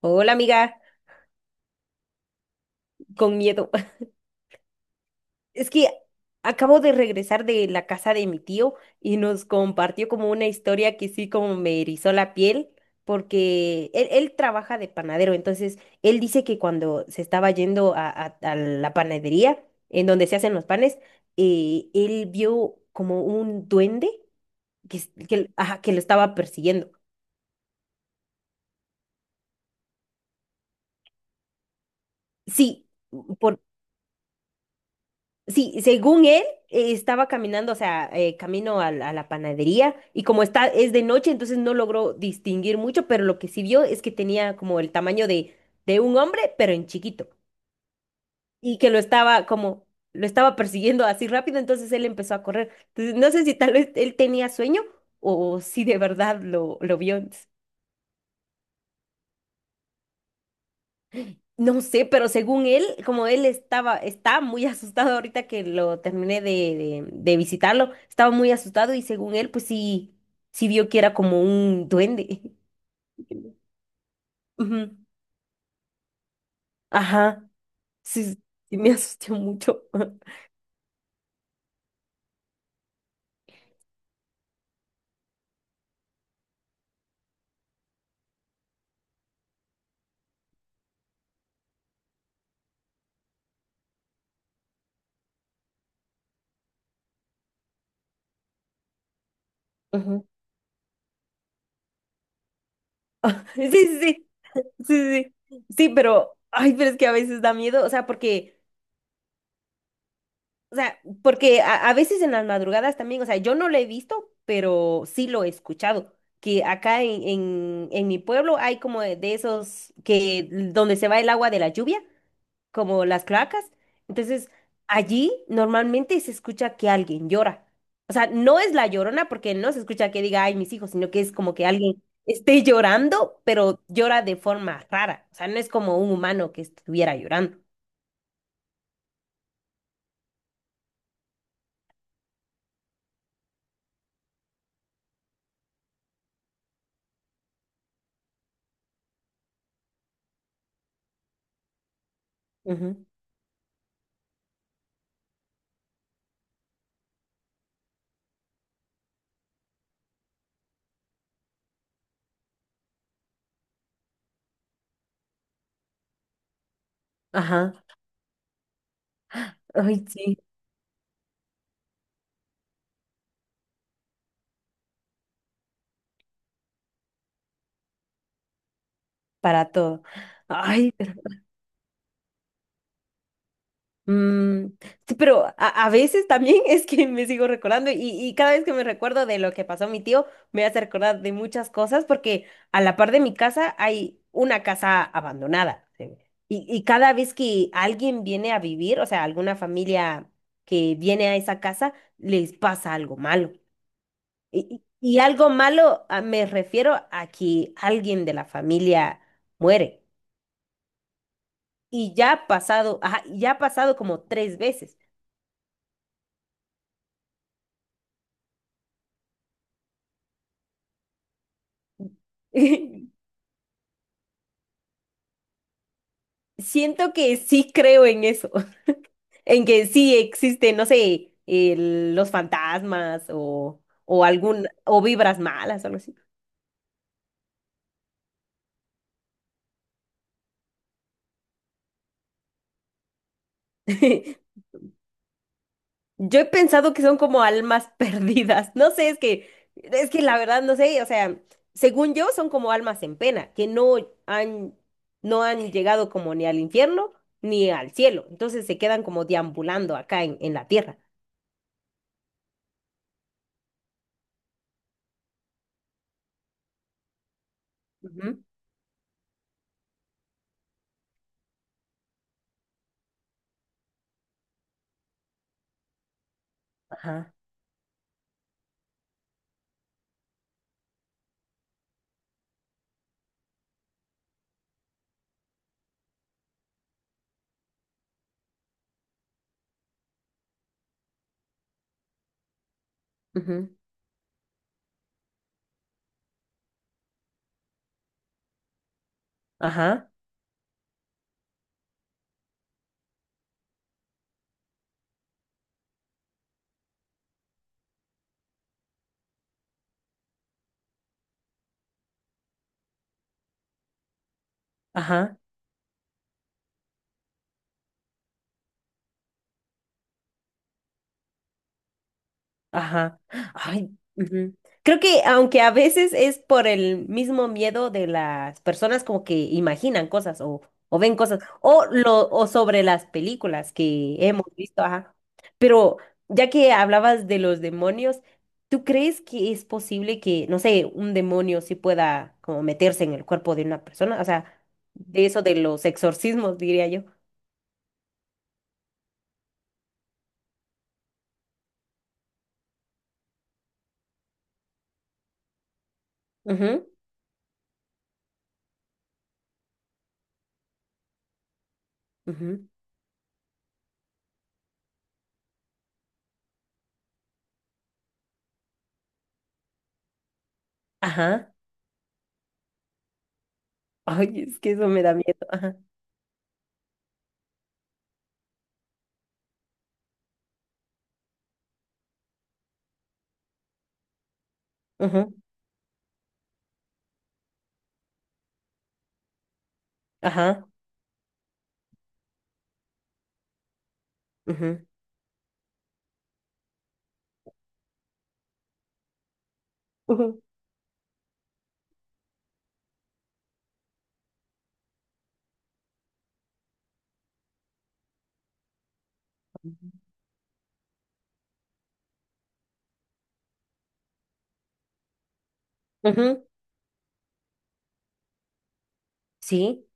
Hola, amiga, con miedo. Es que acabo de regresar de la casa de mi tío y nos compartió como una historia que sí, como me erizó la piel, porque él trabaja de panadero. Entonces él dice que cuando se estaba yendo a la panadería, en donde se hacen los panes, él vio como un duende que, ajá, que lo estaba persiguiendo. Sí, sí, según él, estaba caminando, o sea, camino a la panadería, y como está, es de noche, entonces no logró distinguir mucho, pero lo que sí vio es que tenía como el tamaño de, un hombre, pero en chiquito, y que lo estaba como, lo estaba persiguiendo así rápido, entonces él empezó a correr. Entonces, no sé si tal vez él tenía sueño o si de verdad lo vio. No sé, pero según él, como él estaba, está muy asustado. Ahorita que lo terminé de visitarlo, estaba muy asustado, y según él, pues sí, sí vio que era como un duende. Ujú. Ajá, sí, sí, sí me asusté mucho. Ujú. Sí, sí, sí, sí, sí, sí, pero, ay, pero es que a veces da miedo, o sea, porque... O sea, porque a veces en las madrugadas también, o sea, yo no lo he visto, pero sí lo he escuchado, que acá en mi pueblo hay como de esos que donde se va el agua de la lluvia, como las cloacas. Entonces, allí normalmente se escucha que alguien llora. O sea, no es la Llorona, porque no se escucha que diga, ay, mis hijos, sino que es como que alguien esté llorando, pero llora de forma rara. O sea, no es como un humano que estuviera llorando. Ujú. Ajá. Ay, sí, para todo. Ay, pues, mm, sí, pero a veces también es que me sigo recordando, y cada vez que me recuerdo de lo que pasó a mi tío, me hace recordar de muchas cosas, porque a la par de mi casa hay una casa abandonada. Sí. Y cada vez que alguien viene a vivir, o sea, alguna familia que viene a esa casa, les pasa algo malo. Y, y algo malo, me refiero a que alguien de la familia muere. Y ya ha pasado, ajá, y ya ha pasado como tres veces. Siento que sí creo en eso, en que sí existen, no sé, los fantasmas o, algún, o vibras malas, algo así. Yo he pensado que son como almas perdidas. No sé, es que, la verdad no sé, o sea, según yo son como almas en pena, que han, no han llegado como ni al infierno ni al cielo. Entonces se quedan como deambulando acá en la tierra. Ujú. Ajá. Ujú, ajá, ajá, ajá. Ay, ujú. Creo que, aunque a veces es por el mismo miedo de las personas, como que imaginan cosas o, ven cosas, o lo o sobre las películas que hemos visto, ajá. Pero ya que hablabas de los demonios, ¿tú crees que es posible que, no sé, un demonio sí pueda como meterse en el cuerpo de una persona? O sea, de eso de los exorcismos, diría yo. Ajá, ajá, ay, es que eso me da miedo. Ajá, ujú, ajá, ujú, ujú, ujú, sí,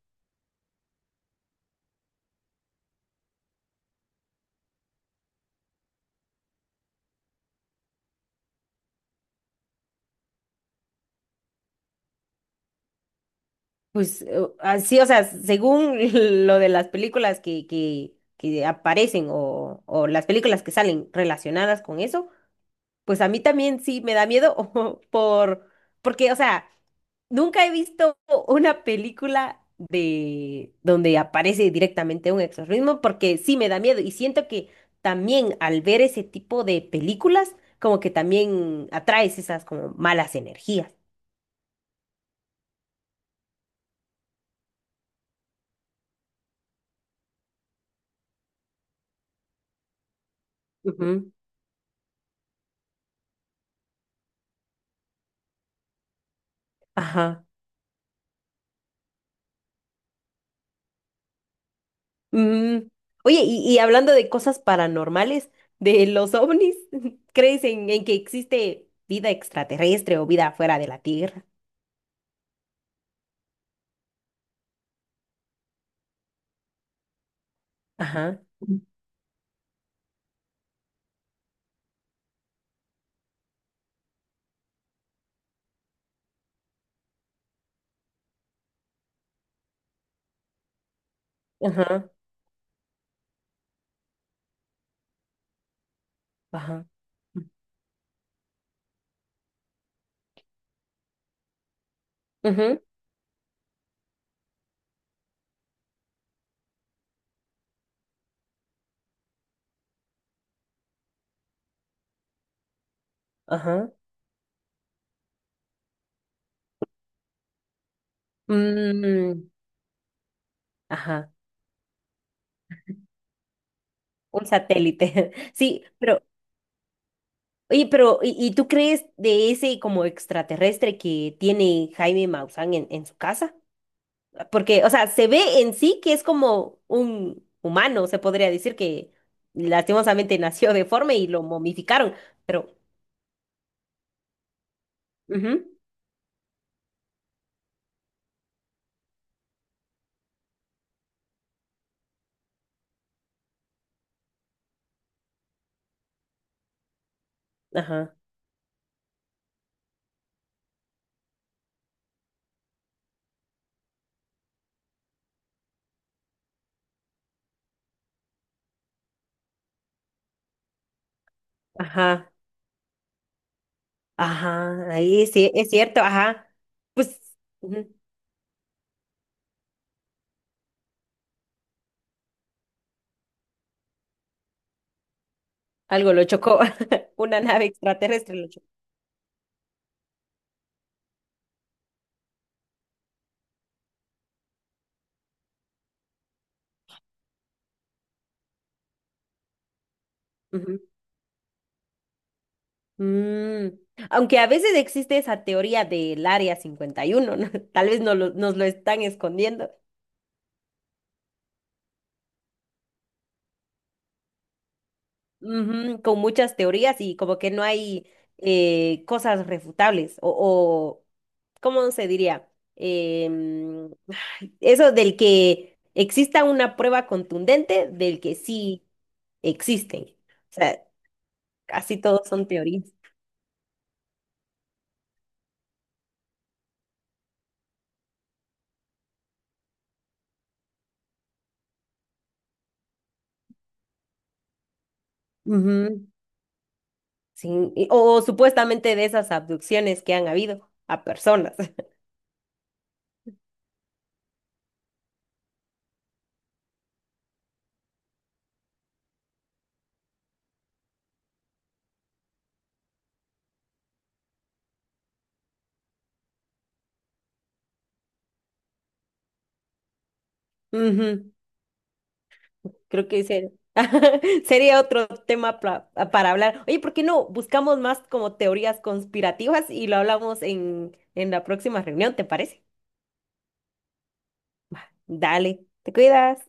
pues así, o sea, según lo de las películas que aparecen o, las películas que salen relacionadas con eso. Pues a mí también sí me da miedo por, porque, o sea, nunca he visto una película de donde aparece directamente un exorcismo, porque sí me da miedo, y siento que también al ver ese tipo de películas, como que también atraes esas como malas energías. Ujú. Ajá. Mm. Oye, y, hablando de cosas paranormales, de los ovnis, ¿crees en que existe vida extraterrestre o vida fuera de la Tierra? Ajá. Ajá, ajá, ujú, ajá, mm, ajá, un satélite. Sí, pero, oye, pero, ¿y, tú crees de ese como extraterrestre que tiene Jaime Maussan en su casa? Porque, o sea, se ve en sí que es como un humano, se podría decir que lastimosamente nació deforme y lo momificaron, pero, ujú, ajá, ajá, ajá, ahí sí, es cierto, ajá, pues, ujú, algo lo chocó. Una nave extraterrestre lo chocó. Ujú. Mm. Aunque a veces existe esa teoría del Área 51, ¿no? Tal vez no lo- nos lo están escondiendo. Ujú, con muchas teorías, y como que no hay cosas refutables o, ¿cómo se diría? Em, ay, eso del que exista una prueba contundente del que sí existen. O sea, casi todos son teorías. Sí, supuestamente, de esas abducciones que han habido a personas. Ujú, creo que sería otro tema para hablar. Oye, ¿por qué no buscamos más como teorías conspirativas y lo hablamos en la próxima reunión? ¿Te parece? Dale, te cuidas.